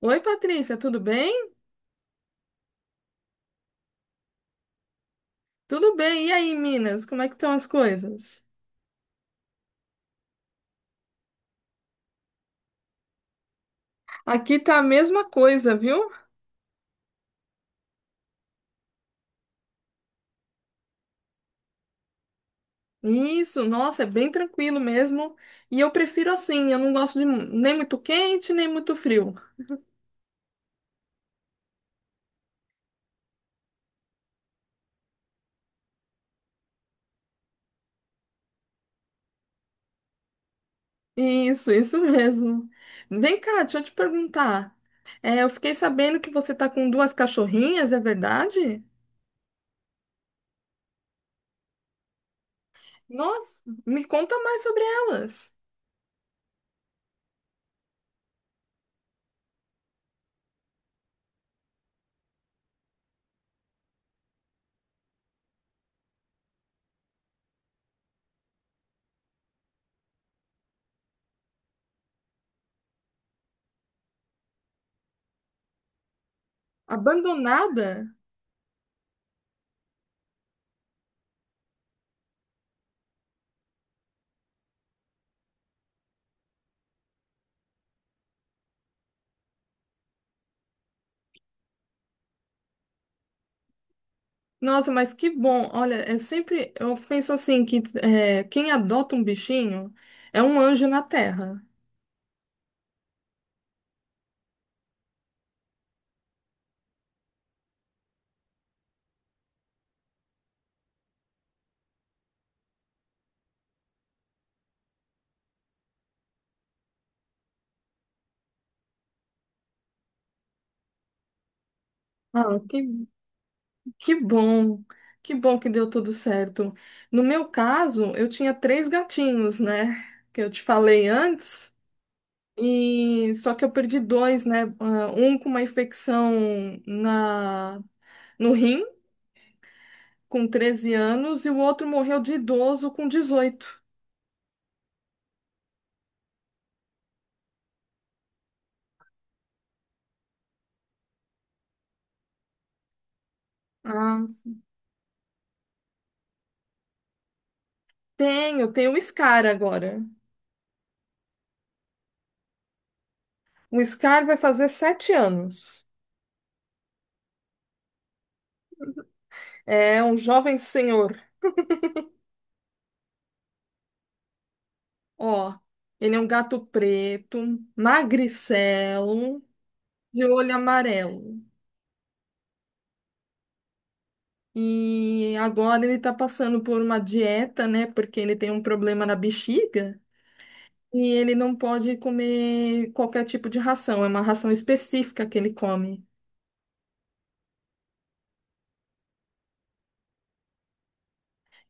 Oi, Patrícia, tudo bem? Tudo bem. E aí, Minas, como é que estão as coisas? Aqui tá a mesma coisa, viu? Isso, nossa, é bem tranquilo mesmo. E eu prefiro assim, eu não gosto de nem muito quente, nem muito frio. Isso, isso mesmo. Vem cá, deixa eu te perguntar. É, eu fiquei sabendo que você tá com duas cachorrinhas, é verdade? Nossa, me conta mais sobre elas. Abandonada? Nossa, mas que bom. Olha, é sempre eu penso assim que é, quem adota um bichinho é um anjo na terra. Ah, que bom. Que bom que deu tudo certo. No meu caso, eu tinha três gatinhos, né? Que eu te falei antes. E só que eu perdi dois, né? Ah, um com uma infecção na no rim com 13 anos e o outro morreu de idoso com 18. Ah, tenho o Scar agora. O Scar vai fazer 7 anos. É um jovem senhor. Ó, ele é um gato preto, magricelo, de olho amarelo. E agora ele tá passando por uma dieta, né? Porque ele tem um problema na bexiga. E ele não pode comer qualquer tipo de ração. É uma ração específica que ele come.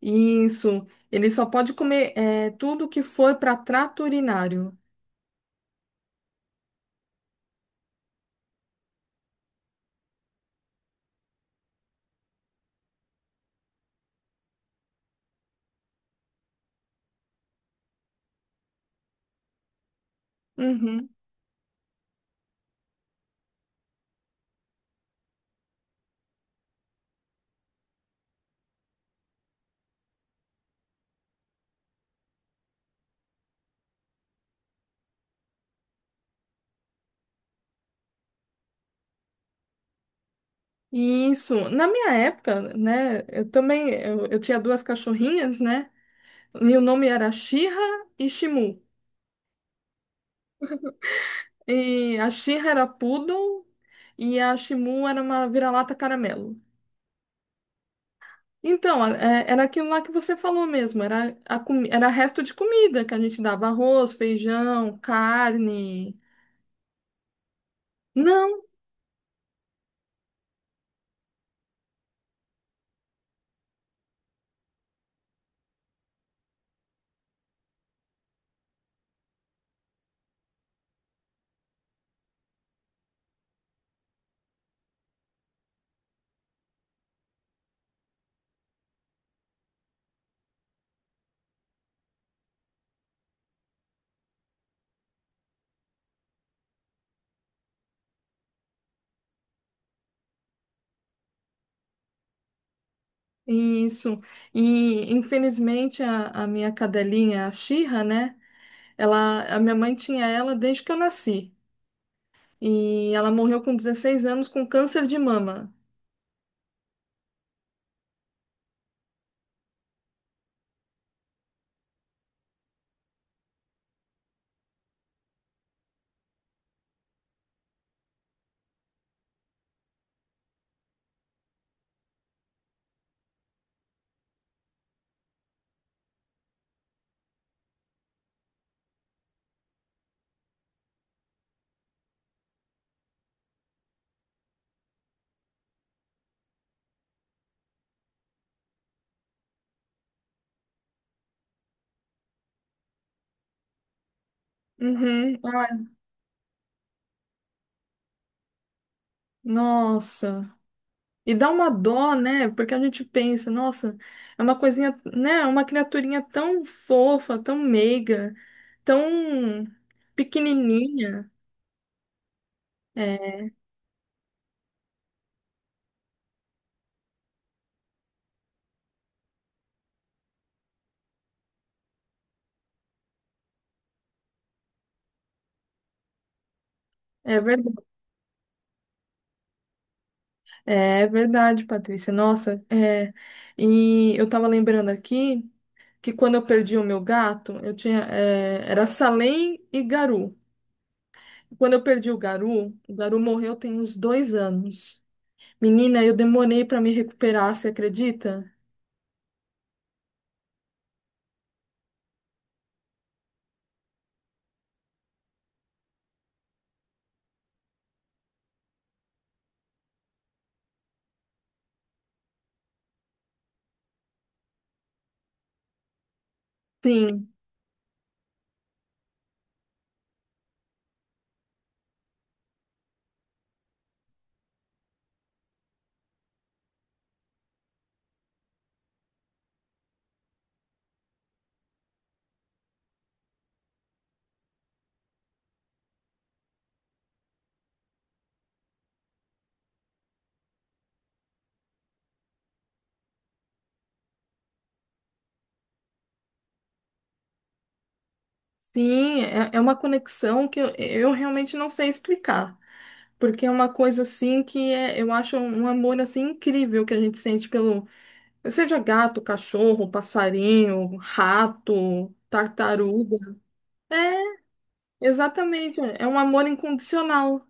Isso. Ele só pode comer é, tudo que for para trato urinário. Uhum. Isso. Na minha época, né, eu também, eu tinha duas cachorrinhas, né, e o nome era Shira e Shimu. E a Shira era poodle e a Shimu era uma vira-lata caramelo. Então, era aquilo lá que você falou mesmo, era resto de comida que a gente dava arroz, feijão, carne. Não, isso. E infelizmente a minha cadelinha, a Shira, né, ela, a minha mãe tinha ela desde que eu nasci. E ela morreu com 16 anos com câncer de mama. Uhum. Ai, nossa. E dá uma dó, né? Porque a gente pensa, nossa, é uma coisinha, né? É uma criaturinha tão fofa, tão meiga, tão pequenininha. É é verdade, é verdade, Patrícia. Nossa, é. E eu tava lembrando aqui que quando eu perdi o meu gato, eu tinha, é, era Salem e Garu. Quando eu perdi o Garu morreu tem uns 2 anos. Menina, eu demorei para me recuperar, você acredita? Sim, sim, é, uma conexão que eu realmente não sei explicar. Porque é uma coisa assim que é, eu acho um amor assim incrível que a gente sente pelo, seja gato, cachorro, passarinho, rato, tartaruga. É, exatamente, é um amor incondicional.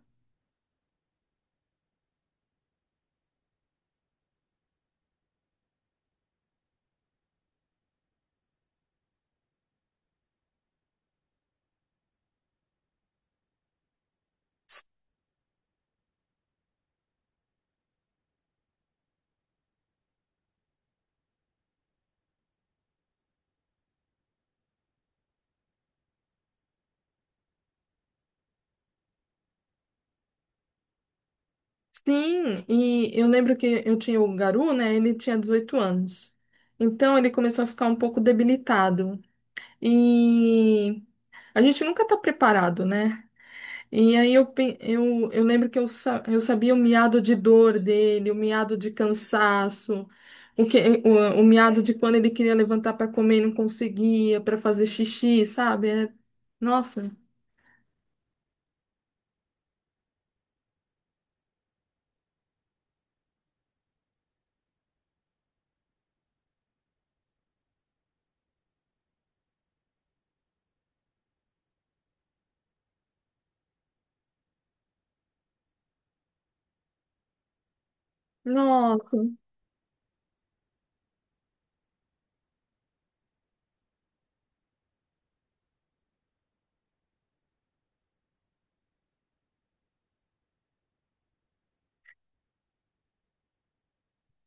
Sim, e eu lembro que eu tinha o Garu, né? Ele tinha 18 anos. Então ele começou a ficar um pouco debilitado. E a gente nunca está preparado, né? E aí eu lembro que eu sabia o miado de dor dele, o miado de cansaço, o, que, o miado de quando ele queria levantar para comer e não conseguia, para fazer xixi, sabe? Nossa, nossa.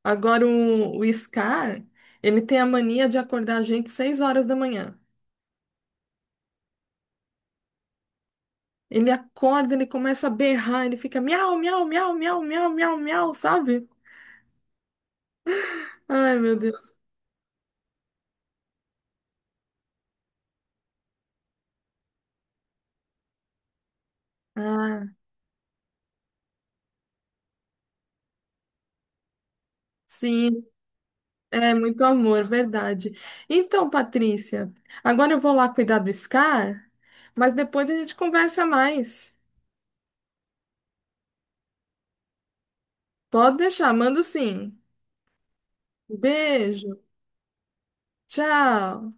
Agora o Scar, ele tem a mania de acordar a gente 6 horas da manhã. Ele acorda, ele começa a berrar, ele fica miau, miau, miau, miau, miau, miau, miau, sabe? Ai, meu Deus. Ah, sim, é muito amor, verdade. Então, Patrícia, agora eu vou lá cuidar do Scar, mas depois a gente conversa mais. Pode deixar, mando sim. Beijo, tchau.